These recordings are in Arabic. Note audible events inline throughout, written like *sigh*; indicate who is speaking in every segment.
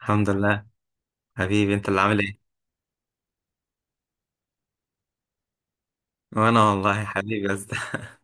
Speaker 1: الحمد لله. حبيبي انت اللي عامل ايه؟ وانا والله حبيبي يا اسطى. *laughs*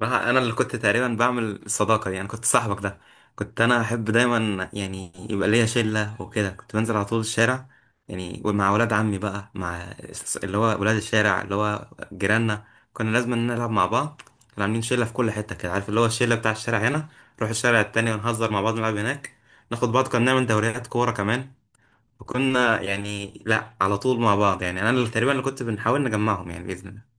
Speaker 1: بقى انا اللي كنت تقريبا بعمل الصداقه دي يعني، كنت صاحبك ده. كنت انا احب دايما يعني يبقى ليا شله وكده، كنت بنزل على طول الشارع يعني مع ولاد عمي بقى، مع اللي هو ولاد الشارع اللي هو جيراننا. كنا لازم نلعب مع بعض. كنا عاملين شله في كل حته كده، عارف اللي هو الشله بتاع الشارع هنا، نروح الشارع التاني ونهزر مع بعض نلعب هناك ناخد بعض. كنا بنعمل دوريات كوره كمان. كنا يعني لا على طول مع بعض يعني، انا اللي تقريبا اللي كنت بنحاول نجمعهم يعني باذن الله.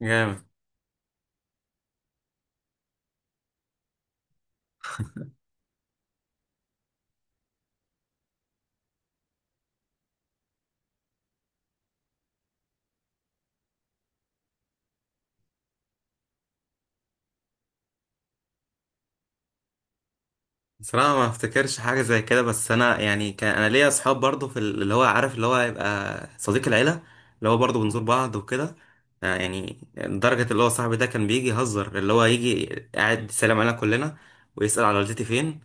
Speaker 1: جامد. بصراحه ما افتكرش حاجه زي كده. بس انا يعني كان انا ليا اصحاب برضو في اللي هو، عارف اللي هو هيبقى صديق العيله، اللي هو برضو بنزور بعض وكده. يعني لدرجه اللي هو صاحبي ده كان بيجي يهزر، اللي هو يجي قاعد يسلم علينا كلنا ويسال على والدتي فين،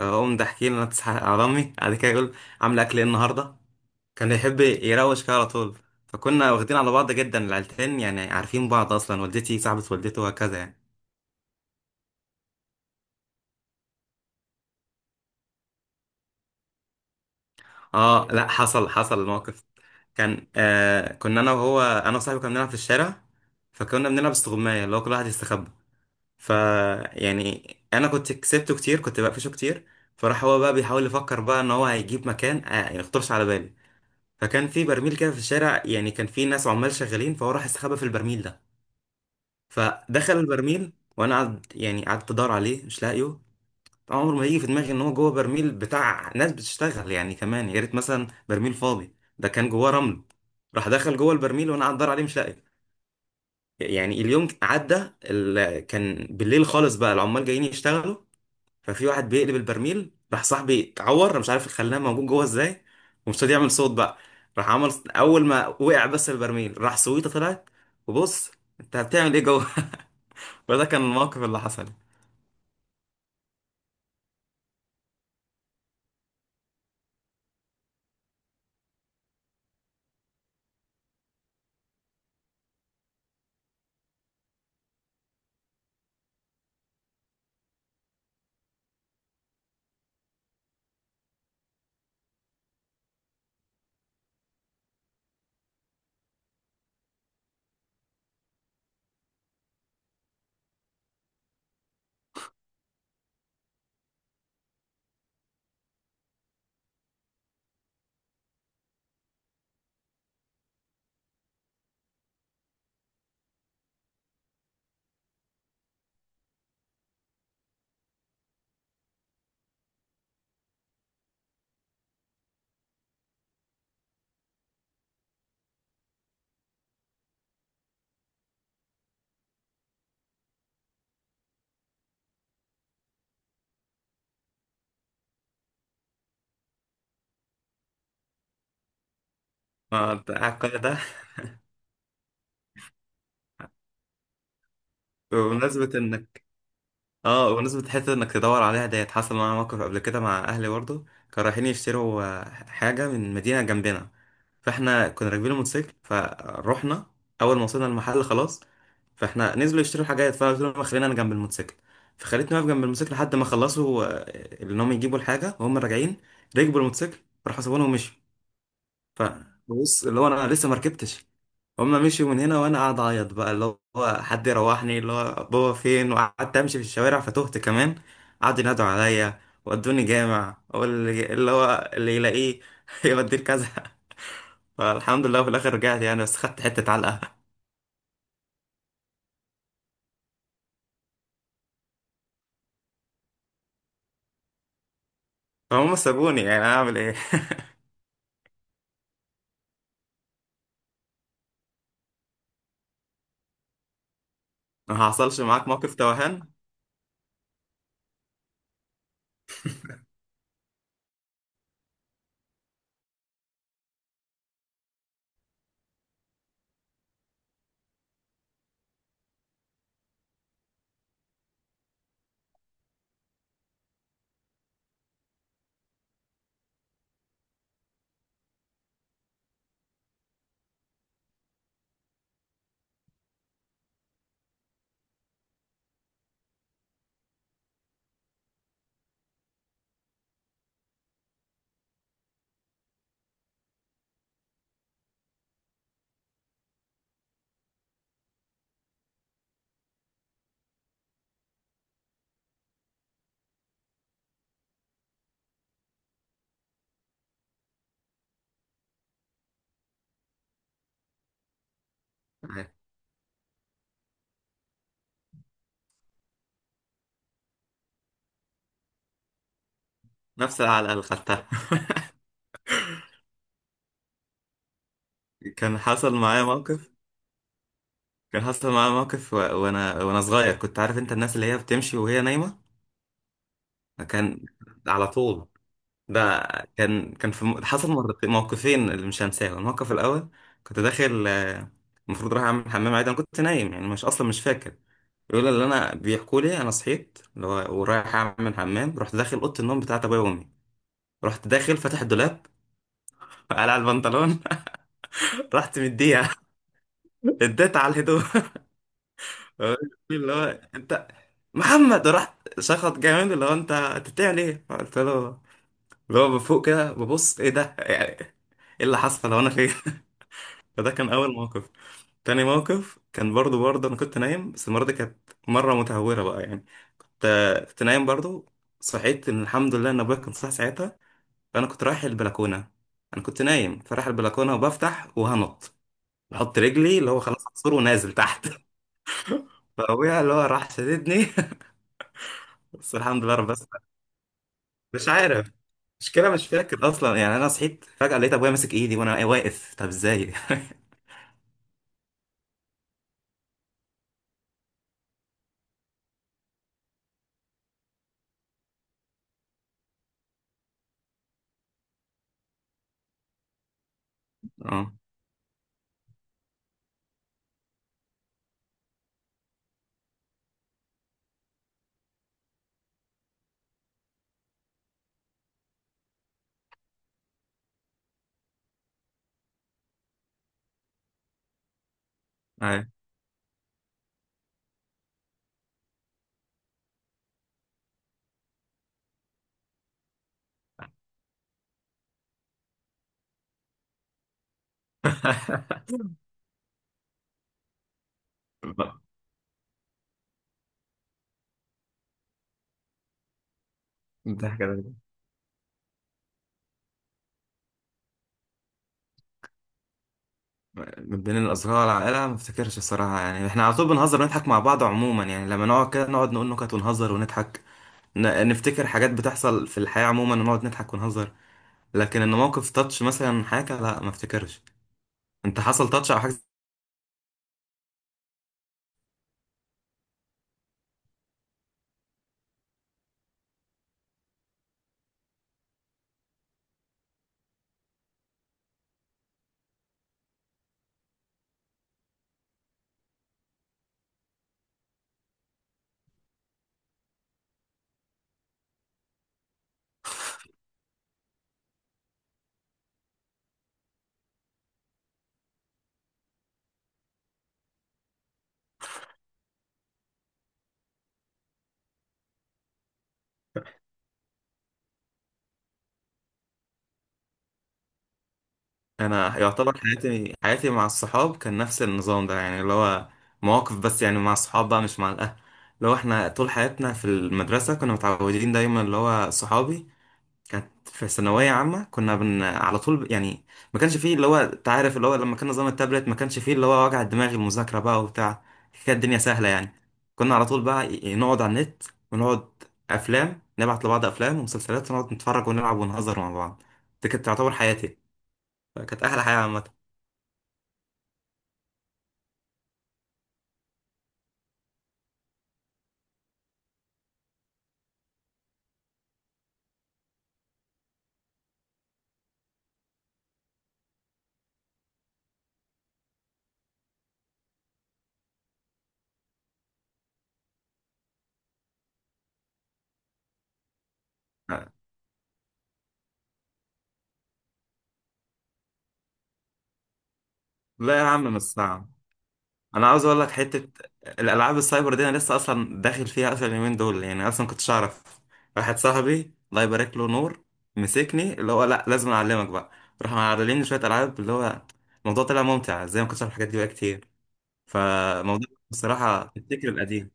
Speaker 1: اقوم ضاحكين انا تصحى على امي. بعد كده يقول عامله اكل ايه النهارده. كان يحب يروش كده على طول. فكنا واخدين على بعض جدا العيلتين يعني، عارفين بعض اصلا، والدتي صاحبة والدته وهكذا يعني. اه لا، حصل حصل الموقف. كان كنا انا وصاحبي كنا بنلعب في الشارع. فكنا بنلعب استغماية، اللي هو كل واحد يستخبى. ف يعني انا كنت كسبته كتير، كنت بقفشه كتير. فراح هو بقى بيحاول يفكر بقى ان هو هيجيب مكان ما يخطرش على بالي. فكان في برميل كده في الشارع، يعني كان في ناس عمال شغالين، فهو راح استخبى في البرميل ده. فدخل البرميل وانا قعد يعني قعدت ادور عليه مش لاقيه. طبعا عمره ما يجي في دماغي ان هو جوه برميل بتاع ناس بتشتغل، يعني كمان يا ريت مثلا برميل فاضي، ده كان جواه رمل. راح دخل جوه البرميل وانا قاعد ادور عليه مش لاقيه يعني. اليوم عدى كان بالليل خالص بقى العمال جايين يشتغلوا. ففي واحد بيقلب البرميل، راح صاحبي اتعور، أنا مش عارف الخلاه موجود جوه ازاي، ومش راضي يعمل صوت بقى. راح عمل اول ما وقع بس البرميل راح سويته طلعت وبص: انت هتعمل ايه جوه؟ *laughs* فده كان الموقف اللي حصل. أنت قاعد كل ده. *laughs* بمناسبة انك، اه بمناسبة حتة انك تدور عليها ديت، حصل معايا موقف قبل كده مع اهلي برضه. كانوا رايحين يشتروا حاجة من مدينة جنبنا. فاحنا كنا راكبين الموتوسيكل فروحنا. اول ما وصلنا المحل خلاص، فاحنا نزلوا يشتروا الحاجات. فانا قلت لهم خلينا انا جنب الموتوسيكل. فخليتني واقف جنب الموتوسيكل لحد ما خلصوا. ان هم يجيبوا الحاجة. وهم راجعين ركبوا الموتوسيكل، راحوا سابونا ومشوا. فبص اللي هو انا لسه ما ركبتش. هما مشيوا من هنا وانا قاعد اعيط بقى، اللي هو حد يروحني، اللي هو بابا فين. وقعدت امشي في الشوارع فتهت كمان. قعدوا ينادوا عليا ودوني جامع، واللي اللي هو اللي يلاقيه *laughs* يوديه لكذا. فالحمد لله في الاخر رجعت يعني، بس خدت حتة علقة. فهم سابوني، يعني اعمل ايه. *laughs* ما حصلش معاك موقف توهان يعني؟ نفس العلقة اللي خدتها. كان حصل معايا موقف. كان حصل معايا موقف و- وانا صغير، كنت عارف انت الناس اللي هي بتمشي وهي نايمة. كان على طول ده. كان في حصل مرتين موقفين اللي مش هنساهم. الموقف الاول، كنت داخل المفروض رايح اعمل حمام عادي. انا كنت نايم يعني مش اصلا مش فاكر. بيقول اللي انا بيحكوا لي انا صحيت اللي هو ورايح اعمل حمام، رحت داخل اوضه النوم بتاعت ابويا وامي. رحت داخل فاتح الدولاب، قلع البنطلون. *laughs* رحت مديها، اديت على الهدوم. *laughs* اللي هو انت، محمد، رحت شخط جامد، اللي هو انت، أنت بتعمل ايه؟ قلت له اللي هو بفوق كده ببص ايه ده، يعني ايه اللي حصل، هو انا فين؟ *laughs* فده كان اول موقف. تاني موقف كان برضو انا كنت نايم. بس المره دي كانت مره متهوره بقى يعني. كنت كنت نايم برضو. صحيت، ان الحمد لله ان ابويا كان صاحي ساعتها. فانا كنت رايح البلكونه. انا كنت نايم فرايح البلكونه وبفتح وهنط، بحط رجلي اللي هو خلاص اكسور ونازل تحت. *laughs* فابويا اللي هو راح شددني. *laughs* بس الحمد لله رب بس. مش عارف المشكله، مش فاكر اصلا يعني. انا صحيت فجاه لقيت ابويا ماسك ايدي وانا واقف، طب ازاي؟ *laughs* اه، أيوة. *laughs* ده كده. من بين الأصدقاء والعائلة ما افتكرش الصراحة يعني. احنا على طول بنهزر ونضحك مع بعض عموما يعني. لما نقعد كده نقعد نقول نكت ونهزر ونضحك، نفتكر حاجات بتحصل في الحياة عموما ونقعد نضحك ونهزر. لكن ان موقف تاتش مثلا حاجة، لا ما افتكرش. انت حصل تاتش او حاجة انا يعتبر حياتي، حياتي مع الصحاب كان نفس النظام ده يعني. اللي هو مواقف بس يعني مع الصحاب بقى مش مع الأهل. اللي هو احنا طول حياتنا في المدرسة كنا متعودين دايما اللي هو صحابي. كانت في ثانوية عامة، كنا بن على طول يعني ما كانش فيه اللي هو انت عارف اللي هو لما كان نظام التابلت، ما كانش فيه اللي هو وجع الدماغ المذاكرة بقى وبتاع. كانت الدنيا سهلة يعني. كنا على طول بقى نقعد على النت، ونقعد أفلام نبعت لبعض أفلام ومسلسلات ونقعد نتفرج ونلعب ونهزر مع بعض. دي كانت تعتبر حياتي. كانت أحلى حياة عامة. لا يا عم مش صعب. انا عاوز اقول لك حته. الالعاب السايبر دي انا لسه اصلا داخل فيها اصلا اليومين دول يعني. اصلا كنتش اعرف. واحد صاحبي الله يبارك له، نور، مسكني اللي هو لا لازم اعلمك بقى. راح معلمني شويه العاب، اللي هو الموضوع طلع ممتع زي ما كنتش اعرف الحاجات دي بقى كتير. فموضوع بصراحه الفكر القديم.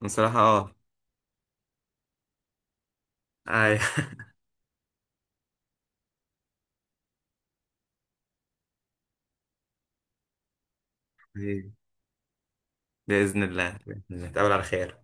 Speaker 1: بصراحه اه. أي. *laughs* باذن الله باذن الله نتقابل على خير.